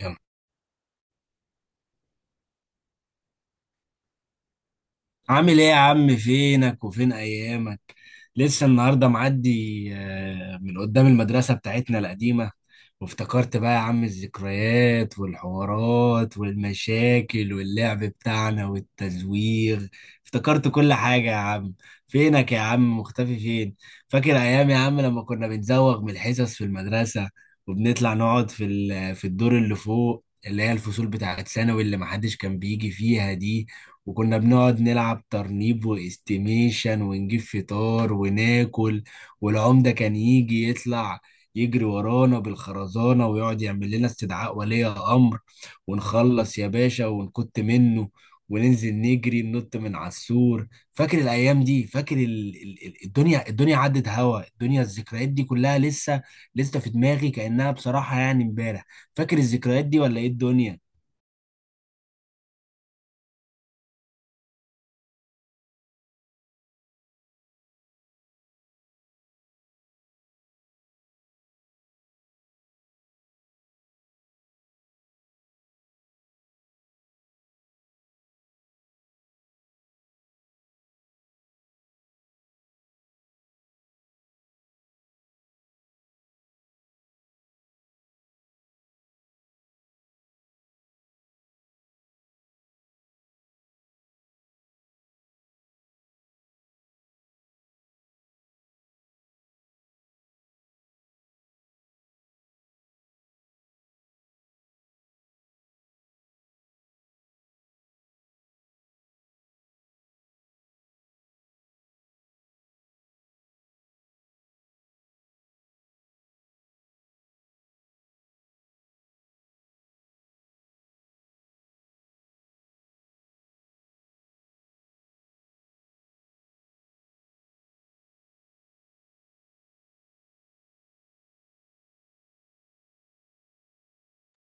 يلا. عامل ايه يا عم؟ فينك وفين ايامك؟ لسه النهارده معدي من قدام المدرسه بتاعتنا القديمه، وافتكرت بقى يا عم الذكريات والحوارات والمشاكل واللعب بتاعنا والتزويغ. افتكرت كل حاجه يا عم. فينك يا عم؟ مختفي فين؟ فاكر ايام يا عم لما كنا بنزوغ من الحصص في المدرسه، وبنطلع نقعد في الدور اللي فوق، اللي هي الفصول بتاعت ثانوي اللي محدش كان بيجي فيها دي. وكنا بنقعد نلعب ترنيب واستيميشن ونجيب فطار وناكل. والعمدة كان يجي يطلع يجري ورانا بالخرزانة، ويقعد يعمل لنا استدعاء ولي أمر، ونخلص يا باشا ونكت منه، وننزل نجري ننط من على السور. فاكر الأيام دي؟ فاكر الدنيا عدت هوا؟ الدنيا الذكريات دي كلها لسه في دماغي كأنها بصراحة يعني امبارح. فاكر الذكريات دي ولا ايه الدنيا؟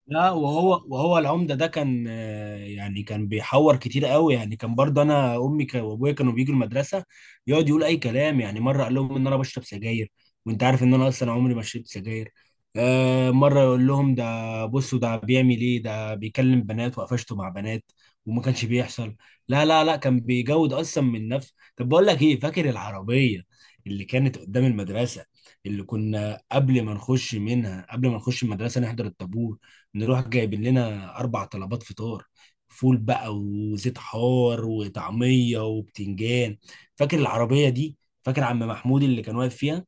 لا، وهو العمدة ده كان يعني كان بيحور كتير قوي، يعني كان برضه انا امي وابويا كانوا بيجوا المدرسة. يقعد يقول اي كلام، يعني مرة قال لهم ان انا بشرب سجاير، وانت عارف ان انا اصلا عمري ما شربت سجاير. مرة يقول لهم ده بصوا ده بيعمل ايه، ده بيكلم بنات وقفشته مع بنات، وما كانش بيحصل. لا لا لا، كان بيجود اصلا من نفسه. طب بقول لك ايه، فاكر العربية اللي كانت قدام المدرسة، اللي كنا قبل ما نخش منها، قبل ما نخش المدرسة نحضر الطابور نروح جايبين لنا 4 طلبات فطار، فول بقى وزيت حار وطعميه وبتنجان؟ فاكر العربيه دي؟ فاكر عم محمود اللي كان واقف فيها؟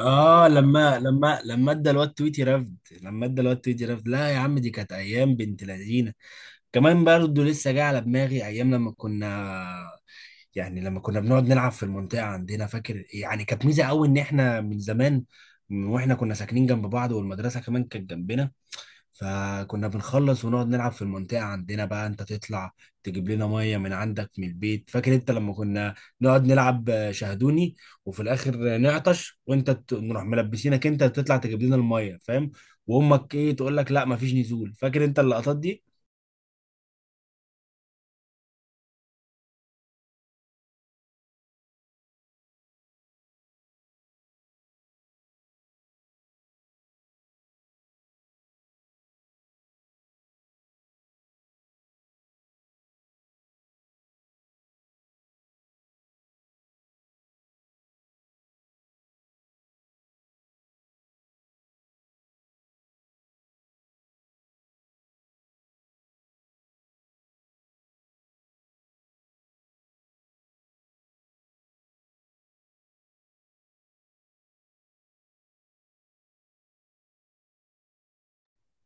اه، لما ادى الواد تويتي رفد، لما ادى الواد تويتي رفد. لا يا عم، دي كانت ايام بنت لذينه. كمان برضه لسه جاي على دماغي ايام لما كنا يعني لما كنا بنقعد نلعب في المنطقه عندنا. فاكر يعني كانت ميزه قوي ان احنا من زمان، من واحنا كنا ساكنين جنب بعض والمدرسه كمان كانت جنبنا، فكنا بنخلص ونقعد نلعب في المنطقة عندنا، بقى انت تطلع تجيب لنا مية من عندك من البيت. فاكر انت لما كنا نقعد نلعب شاهدوني، وفي الاخر نعطش وانت نروح ملبسينك انت تطلع تجيب لنا المية، فاهم؟ وامك ايه تقول لك لا مفيش نزول. فاكر انت اللقطات دي؟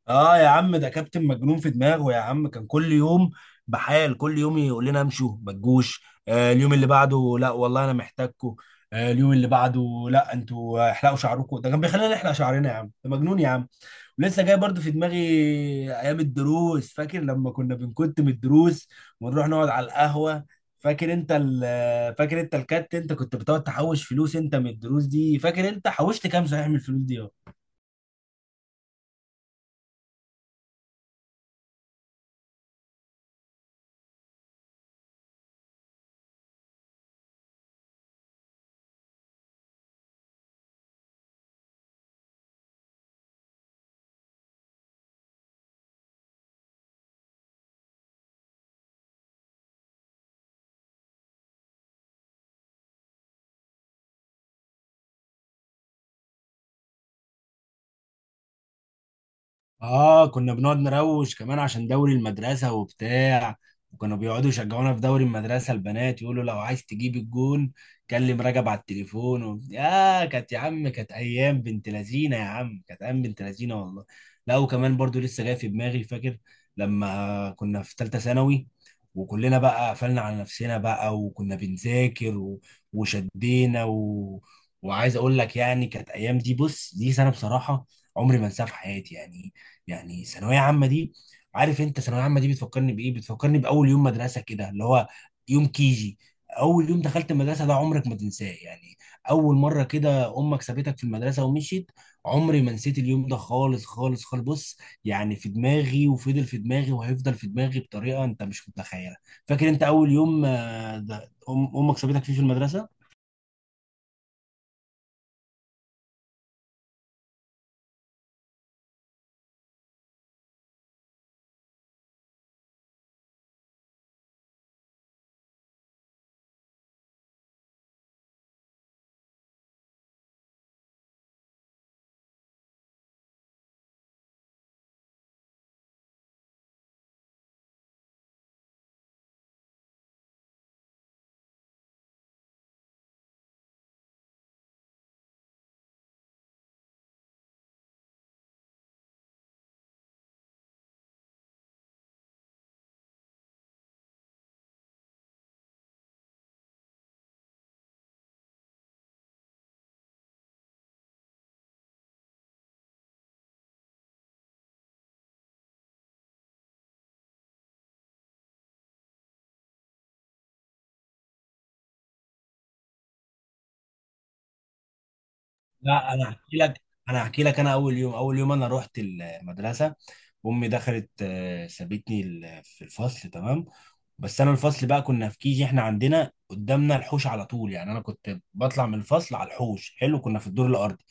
اه يا عم ده كابتن مجنون في دماغه يا عم. كان كل يوم بحال، كل يوم يقول لنا امشوا ما تجوش. آه، اليوم اللي بعده لا والله انا محتاجكم. آه، اليوم اللي بعده لا انتوا احلقوا شعركم. ده كان بيخلينا نحلق شعرنا يا عم، ده مجنون يا عم. ولسه جاي برضو في دماغي ايام الدروس. فاكر لما كنا بنكت من الدروس ونروح نقعد على القهوة؟ فاكر انت فاكر انت الكات، انت كنت بتقعد تحوش فلوس انت من الدروس دي، فاكر انت حوشت كام صحيح من الفلوس دي؟ اه، كنا بنقعد نروش كمان عشان دوري المدرسة وبتاع. وكانوا بيقعدوا يشجعونا في دوري المدرسة البنات، يقولوا لو عايز تجيب الجون كلم رجب على التليفون و... يا كانت يا عم، كانت ايام بنت لذينة يا عم، كانت ايام بنت لذينة والله. لا، وكمان برضو لسه جاي في دماغي فاكر لما كنا في ثالثة ثانوي وكلنا بقى قفلنا على نفسنا بقى، وكنا بنذاكر وشدينا وعايز اقول لك يعني كانت ايام دي. بص، دي سنة بصراحة عمري ما انساها في حياتي يعني. يعني ثانوية عامة دي، عارف انت ثانوية عامة دي بتفكرني بإيه؟ بتفكرني بأول يوم مدرسة كده، اللي هو يوم كيجي. أول يوم دخلت المدرسة ده عمرك ما تنساه يعني. أول مرة كده أمك سابتك في المدرسة ومشيت. عمري ما نسيت اليوم ده خالص خالص خالص. بص، يعني في دماغي، وفضل في دماغي، وهيفضل في دماغي بطريقة أنت مش متخيلة. فاكر أنت أول يوم ده أمك سابتك فيه في المدرسة؟ لا، أنا هحكي لك. أنا أول يوم، أنا رحت المدرسة، امي دخلت سابتني في الفصل، تمام. بس انا الفصل بقى كنا في كيجي، احنا عندنا قدامنا الحوش على طول يعني، انا كنت بطلع من الفصل على الحوش حلو، كنا في الدور الارضي.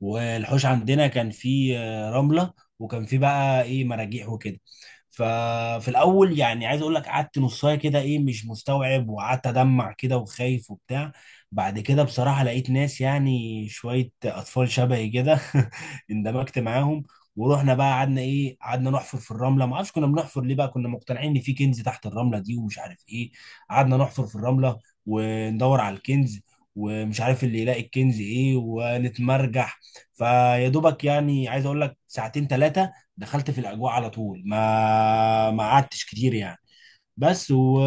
والحوش عندنا كان فيه رملة، وكان فيه بقى ايه مراجيح وكده. ففي الاول يعني عايز اقول لك قعدت نصايه كده ايه، مش مستوعب، وقعدت ادمع كده وخايف وبتاع. بعد كده بصراحه لقيت ناس يعني شويه اطفال شبهي كده. اندمجت معاهم، ورحنا بقى قعدنا ايه، قعدنا نحفر في الرمله. ما اعرفش كنا بنحفر ليه، بقى كنا مقتنعين ان في كنز تحت الرمله دي ومش عارف ايه. قعدنا نحفر في الرمله وندور على الكنز، ومش عارف اللي يلاقي الكنز ايه، ونتمرجح. فيا دوبك يعني عايز اقول لك ساعتين ثلاثه، دخلت في الاجواء على طول، ما قعدتش كتير يعني. بس و...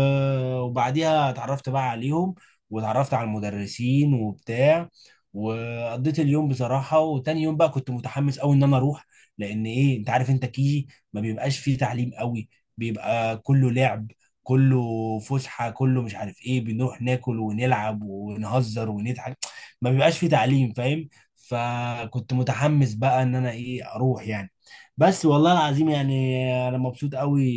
وبعديها اتعرفت بقى عليهم واتعرفت على المدرسين وبتاع، وقضيت اليوم بصراحة. وتاني يوم بقى كنت متحمس قوي ان انا اروح، لان ايه انت عارف انت كيجي ما بيبقاش فيه تعليم قوي، بيبقى كله لعب، كله فسحة، كله مش عارف ايه، بنروح ناكل ونلعب ونهزر ونضحك، ما بيبقاش فيه تعليم، فاهم؟ فكنت متحمس بقى ان انا ايه اروح يعني. بس والله العظيم يعني انا مبسوط قوي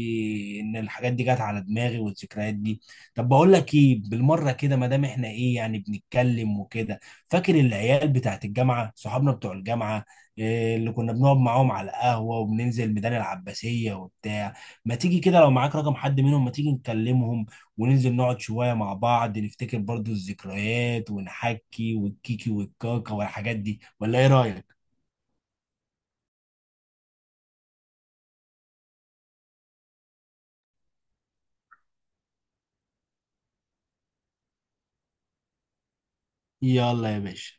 ان الحاجات دي جت على دماغي والذكريات دي. طب بقول لك ايه، بالمره كده ما دام احنا ايه يعني بنتكلم وكده، فاكر العيال بتاعت الجامعه، صحابنا بتوع الجامعه، إيه اللي كنا بنقعد معاهم على القهوه وبننزل ميدان العباسيه وبتاع؟ ما تيجي كده لو معاك رقم حد منهم، ما تيجي نكلمهم وننزل نقعد شويه مع بعض نفتكر برضو الذكريات، ونحكي والكيكي والكاكا والحاجات دي، ولا ايه رايك؟ يلا يا باشا.